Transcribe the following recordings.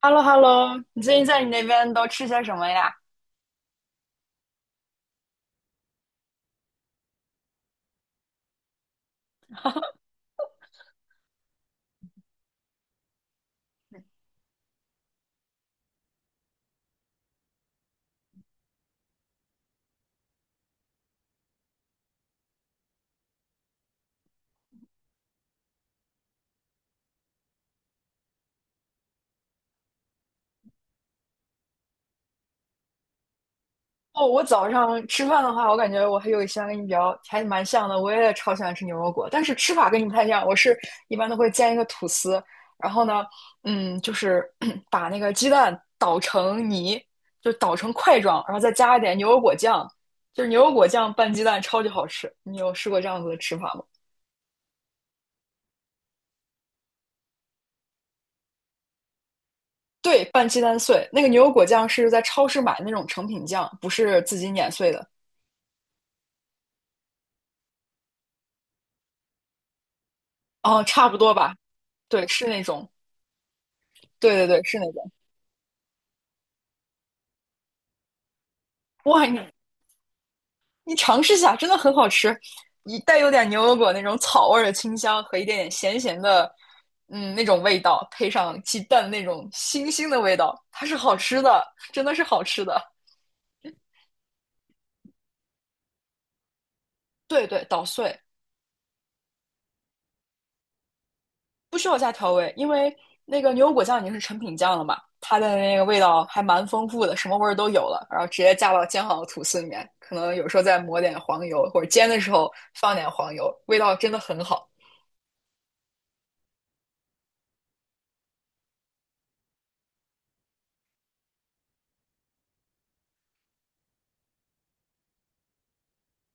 h e l l o h e l l o 你最近在你那边都吃些什么呀？哦，我早上吃饭的话，我感觉我还有一些跟你比较还蛮像的，我也超喜欢吃牛油果，但是吃法跟你不太一样。我是一般都会煎一个吐司，然后呢，就是 把那个鸡蛋捣成泥，就捣成块状，然后再加一点牛油果酱，就是牛油果酱拌鸡蛋超级好吃。你有试过这样子的吃法吗？对，拌鸡蛋碎，那个牛油果酱是在超市买那种成品酱，不是自己碾碎的。哦，差不多吧。对，是那种，对对对，是那种。哇，你尝试一下，真的很好吃，一带有点牛油果那种草味儿的清香和一点点咸咸的，嗯，那种味道，配上鸡蛋那种腥腥的味道，它是好吃的，真的是好吃的。对对，捣碎，不需要加调味，因为那个牛油果酱已经是成品酱了嘛，它的那个味道还蛮丰富的，什么味儿都有了，然后直接加到煎好的吐司里面，可能有时候再抹点黄油，或者煎的时候放点黄油，味道真的很好。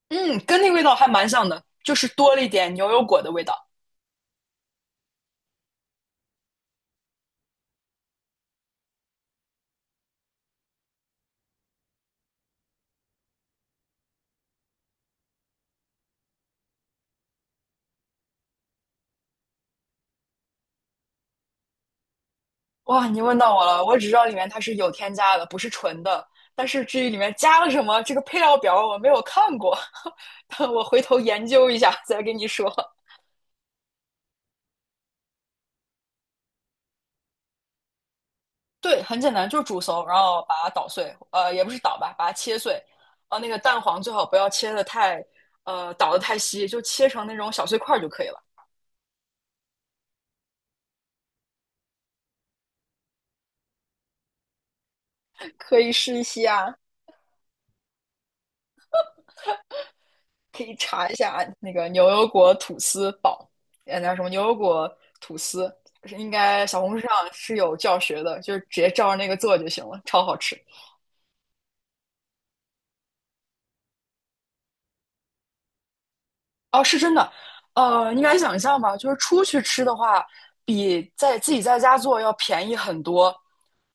嗯，跟那味道还蛮像的，就是多了一点牛油果的味道。哇，你问到我了，我只知道里面它是有添加的，不是纯的。但是至于里面加了什么，这个配料表我没有看过，我回头研究一下再跟你说。对，很简单，就是煮熟，然后把它捣碎，呃，也不是捣吧，把它切碎。呃，那个蛋黄最好不要切的太，呃，捣的太稀，就切成那种小碎块儿就可以了。可以试一下啊。可以查一下那个牛油果吐司堡呃，那什么牛油果吐司，应该小红书上是有教学的，就是直接照着那个做就行了，超好吃。哦，是真的，呃，你敢想象吗？就是出去吃的话，比在自己在家做要便宜很多，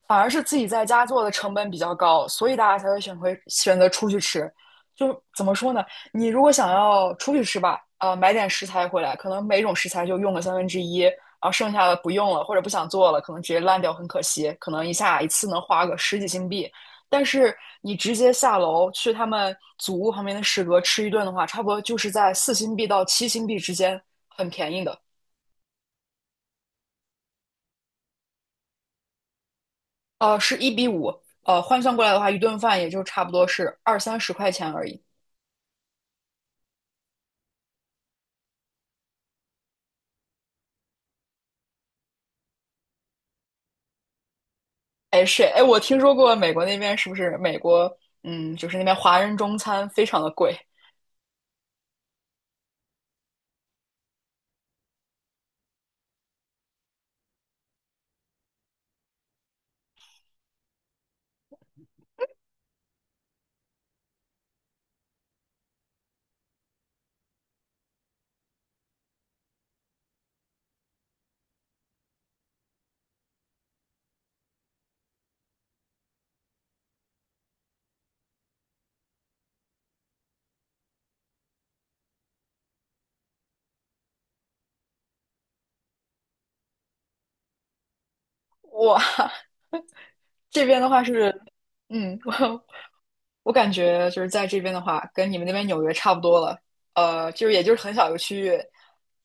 反而是自己在家做的成本比较高，所以大家才会选择出去吃。就怎么说呢？你如果想要出去吃吧，呃，买点食材回来，可能每种食材就用个三分之一，然后剩下的不用了或者不想做了，可能直接烂掉，很可惜。可能一次能花个十几新币，但是你直接下楼去他们祖屋旁边的食阁吃一顿的话，差不多就是在4新币到7新币之间，很便宜的。呃，是1:5，呃，换算过来的话，一顿饭也就差不多是二三十块钱而已。哎，是哎，我听说过美国那边是不是美国，嗯，就是那边华人中餐非常的贵。哇，这边的话是，嗯，我感觉就是在这边的话，跟你们那边纽约差不多了。呃，就是也就是很小一个区域，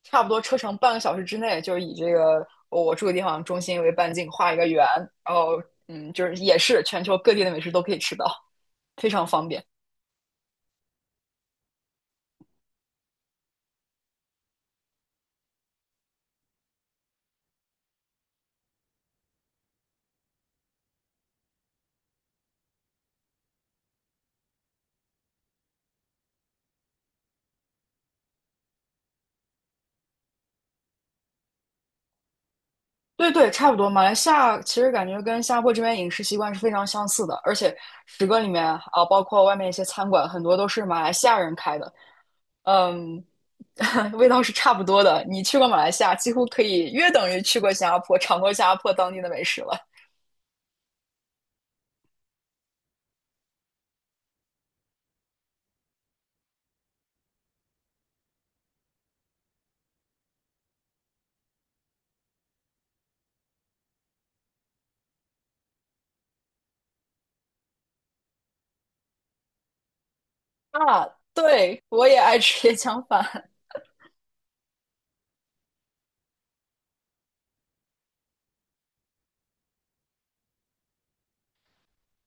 差不多车程半个小时之内，就是以这个我住的地方中心为半径画一个圆，然后嗯，就是也是全球各地的美食都可以吃到，非常方便。对对，差不多。马来西亚其实感觉跟新加坡这边饮食习惯是非常相似的，而且食阁里面啊，包括外面一些餐馆，很多都是马来西亚人开的，嗯，味道是差不多的。你去过马来西亚，几乎可以约等于去过新加坡，尝过新加坡当地的美食了。啊，对，我也爱吃椰浆饭。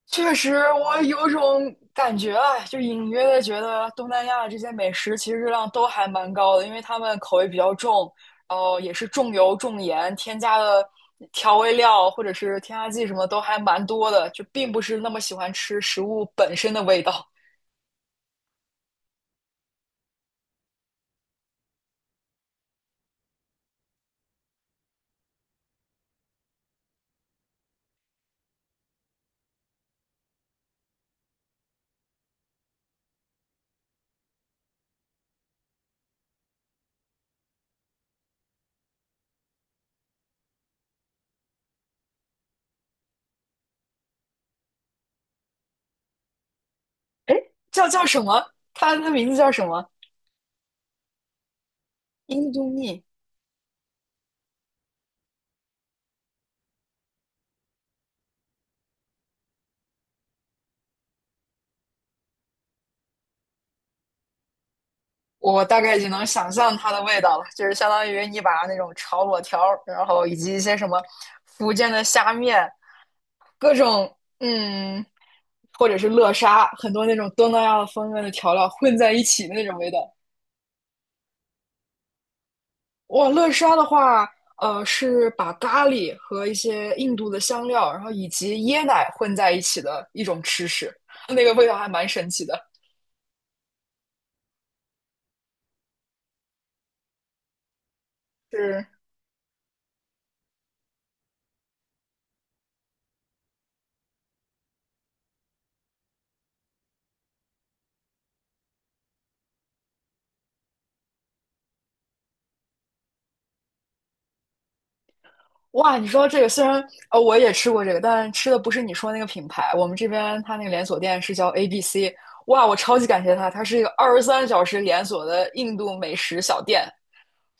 确实，我有种感觉啊，就隐约的觉得东南亚这些美食其实热量都还蛮高的，因为他们口味比较重，然后也是重油重盐，添加的调味料或者是添加剂什么都还蛮多的，就并不是那么喜欢吃食物本身的味道。哎，叫什么？它名字叫什么？印度蜜。我大概已经能想象它的味道了，就是相当于你把那种炒粿条儿然后以及一些什么福建的虾面，各种嗯，或者是乐沙，很多那种东南亚的风味的调料混在一起的那种味道。哇，乐沙的话，呃，是把咖喱和一些印度的香料，然后以及椰奶混在一起的一种吃食，那个味道还蛮神奇的，是。哇，你说这个虽然我也吃过这个，但吃的不是你说那个品牌，我们这边它那个连锁店是叫 ABC。哇，我超级感谢它，它是一个23小时连锁的印度美食小店，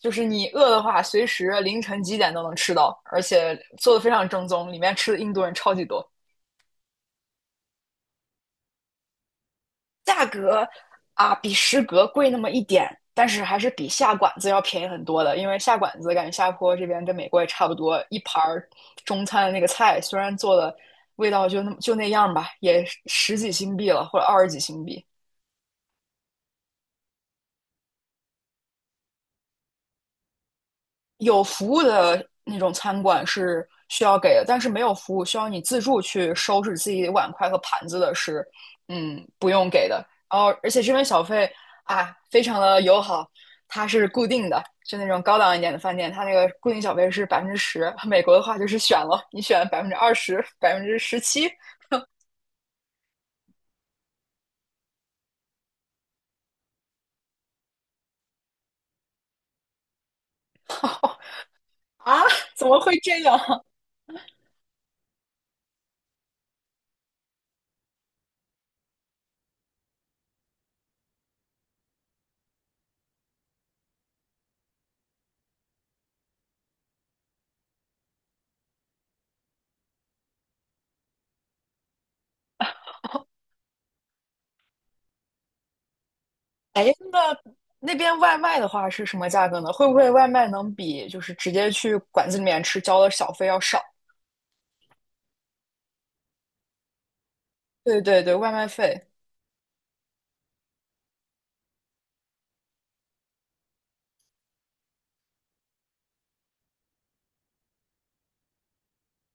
就是你饿的话，随时凌晨几点都能吃到，而且做的非常正宗，里面吃的印度人超级多。价格啊比食阁贵那么一点，但是还是比下馆子要便宜很多的。因为下馆子感觉下坡这边跟美国也差不多，一盘中餐的那个菜虽然做的味道就那么就那样吧，也十几新币了或者二十几新币。有服务的那种餐馆是需要给的，但是没有服务需要你自助去收拾自己的碗筷和盘子的是，嗯，不用给的。然后，而且这边小费啊，非常的友好，它是固定的，就那种高档一点的饭店，它那个固定小费是百分之十。美国的话就是选了，你选20%、17%。啊，怎么会这样？哎，那那边外卖的话是什么价格呢？会不会外卖能比就是直接去馆子里面吃交的小费要少？对对对，外卖费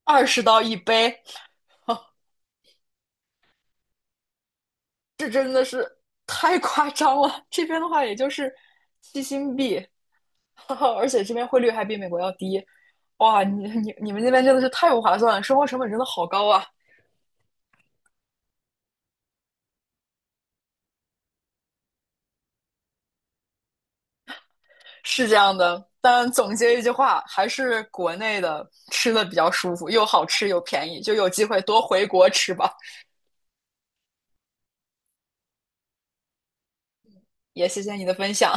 20刀一杯，这真的是太夸张了。这边的话也就是七新币，而且这边汇率还比美国要低。哇，你你你们那边真的是太不划算了，生活成本真的好高啊！是这样的，但总结一句话，还是国内的吃的比较舒服，又好吃又便宜，就有机会多回国吃吧。也谢谢你的分享。